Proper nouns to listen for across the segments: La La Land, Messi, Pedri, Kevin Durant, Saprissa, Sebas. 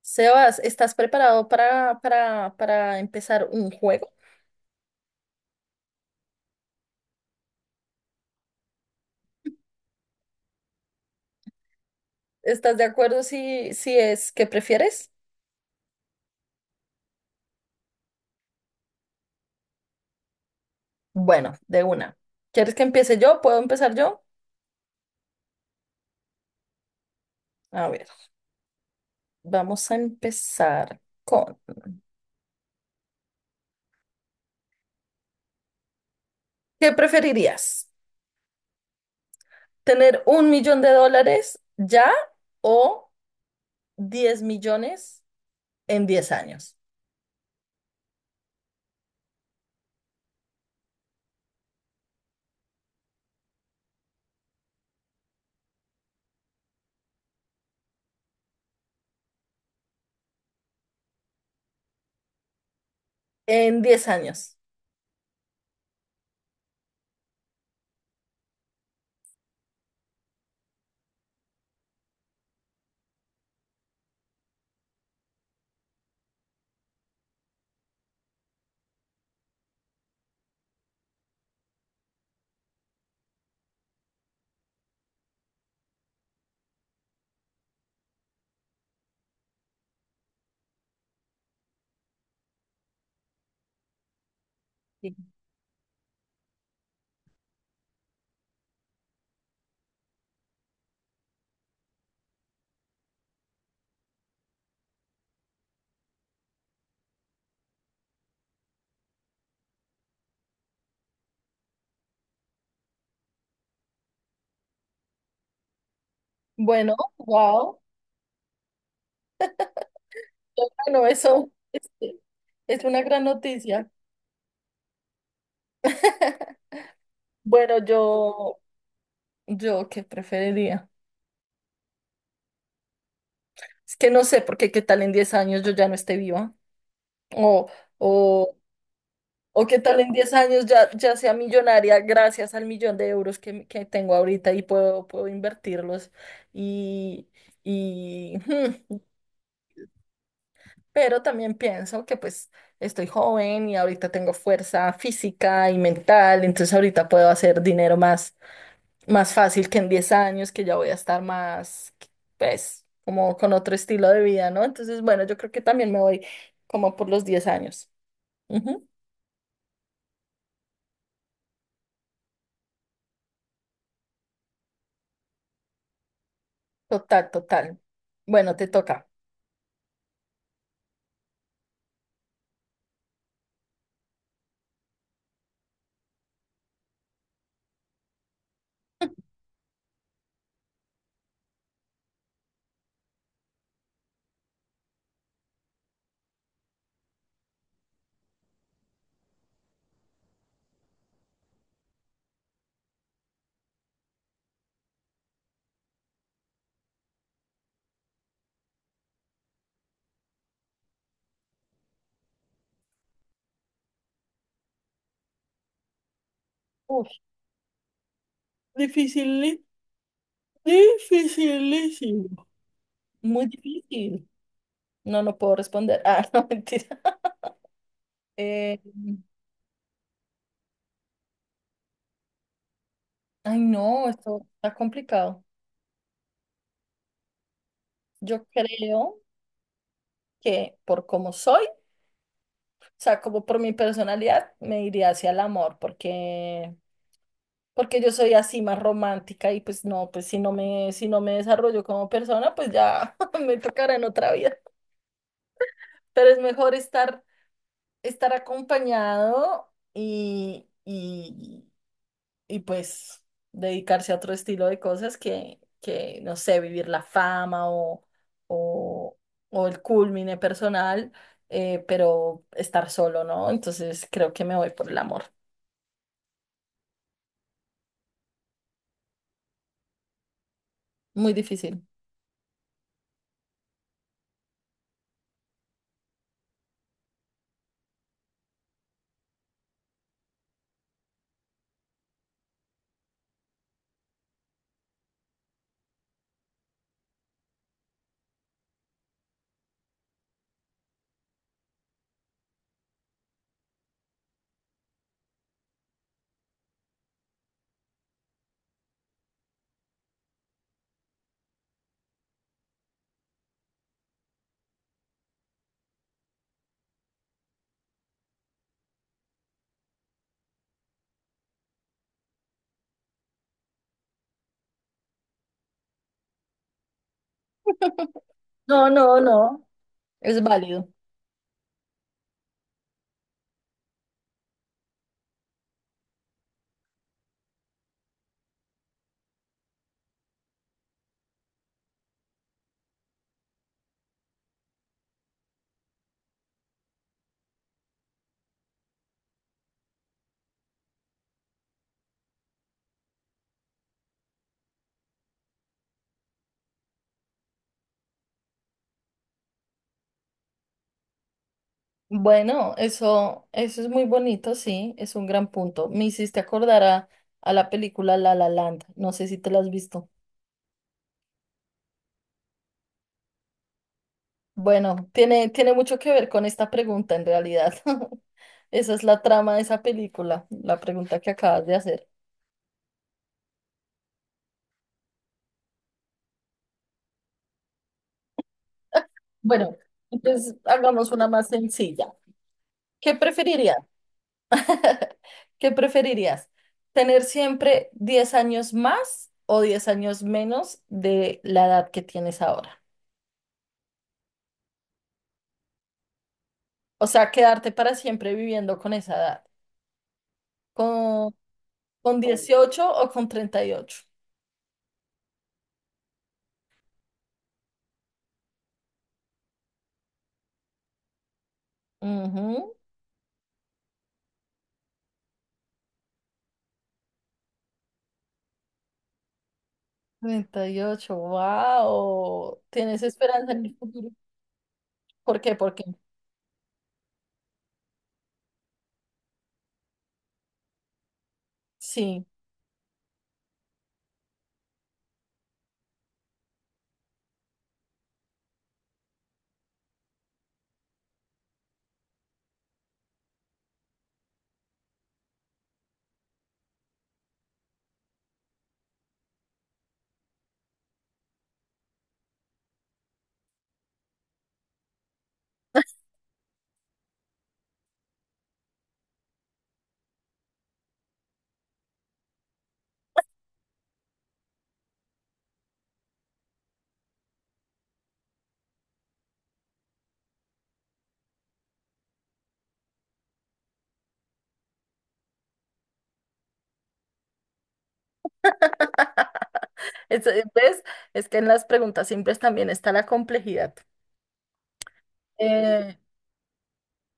Sebas, ¿estás preparado para empezar un juego? ¿Estás de acuerdo si es que prefieres? Bueno, de una. ¿Quieres que empiece yo? ¿Puedo empezar yo? A ver, vamos a empezar con... ¿Qué preferirías? ¿Tener un millón de dólares ya o diez millones en 10 años? En 10 años. Sí. Bueno, wow. Bueno, eso es una gran noticia. Bueno, yo qué preferiría. Es que no sé, porque qué tal en 10 años yo ya no esté viva. O, o, o qué tal en 10 años ya sea millonaria gracias al millón de euros que tengo ahorita y puedo invertirlos. Y, y, hmm, pero también pienso que pues estoy joven y ahorita tengo fuerza física y mental, entonces ahorita puedo hacer dinero más fácil que en 10 años, que ya voy a estar más, pues, como con otro estilo de vida, ¿no? Entonces, bueno, yo creo que también me voy como por los diez años. Ujú, total, total. Bueno, te toca. Uf, difícil, dificilísimo. Muy difícil. No, no puedo responder. Ah, no, mentira. Eh, Ay, no, esto está complicado. Yo creo que por cómo soy, o sea, como por mi personalidad, me iría hacia el amor, porque yo soy así más romántica y pues no, pues si no me desarrollo como persona, pues ya me tocará en otra vida. Pero es mejor estar acompañado y pues dedicarse a otro estilo de cosas que no sé, vivir la fama o, o el culmine personal, pero estar solo, ¿no? Entonces creo que me voy por el amor. Muy difícil. No, no, no, es válido. Bueno, eso es muy bonito, sí, es un gran punto. Me hiciste acordar a la película La La Land, no sé si te la has visto. Bueno, tiene mucho que ver con esta pregunta en realidad. Esa es la trama de esa película, la pregunta que acabas de hacer. Bueno, entonces hagamos una más sencilla. ¿Qué preferirías? ¿Qué preferirías? ¿Tener siempre 10 años más o 10 años menos de la edad que tienes ahora? O sea, quedarte para siempre viviendo con esa edad. ¿Con con 18 o con 38? Ujú, 38. Wow. ¿Tienes esperanza en el futuro? ¿Por qué? ¿Por qué? Sí. ¿Ves? Es que en las preguntas simples también está la complejidad. Eh,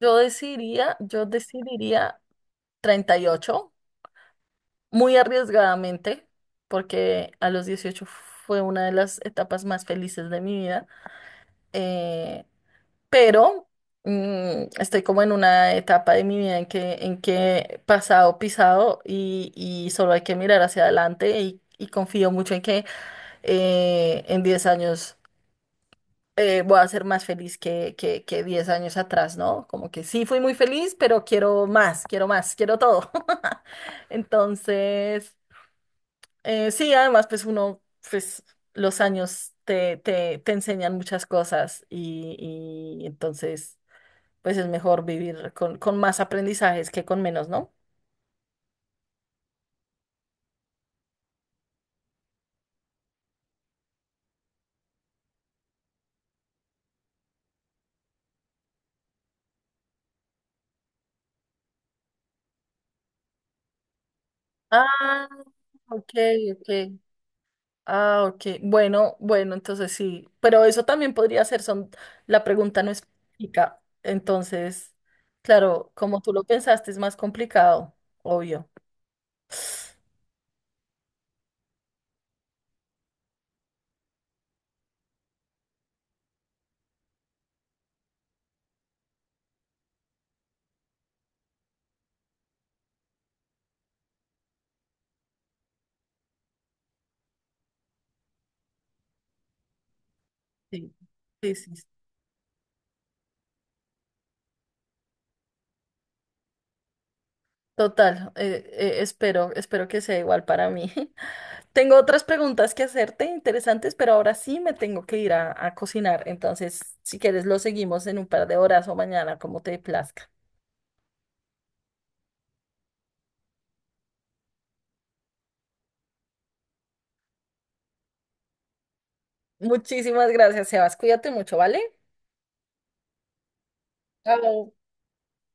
yo decidiría 38, muy arriesgadamente, porque a los 18 fue una de las etapas más felices de mi vida. Eh, pero mm, estoy como en una etapa de mi vida en que pasado, pisado y solo hay que mirar hacia adelante y confío mucho en que en 10 años voy a ser más feliz que 10 años atrás, ¿no? Como que sí fui muy feliz, pero quiero más, quiero más, quiero todo. Entonces, sí, además, pues uno, pues los años te enseñan muchas cosas y entonces pues es mejor vivir con más aprendizajes que con menos, ¿no? Ah, ok, ok. Ah, ok. Bueno, entonces sí. Pero eso también podría ser, son, la pregunta no explica. Entonces, claro, como tú lo pensaste, es más complicado, obvio. Sí, sí, sí. Total, espero que sea igual para mí. Tengo otras preguntas que hacerte interesantes, pero ahora sí me tengo que ir a cocinar. Entonces, si quieres, lo seguimos en un par de horas o mañana, como te plazca. Muchísimas gracias, Sebas. Cuídate mucho, ¿vale? Chao.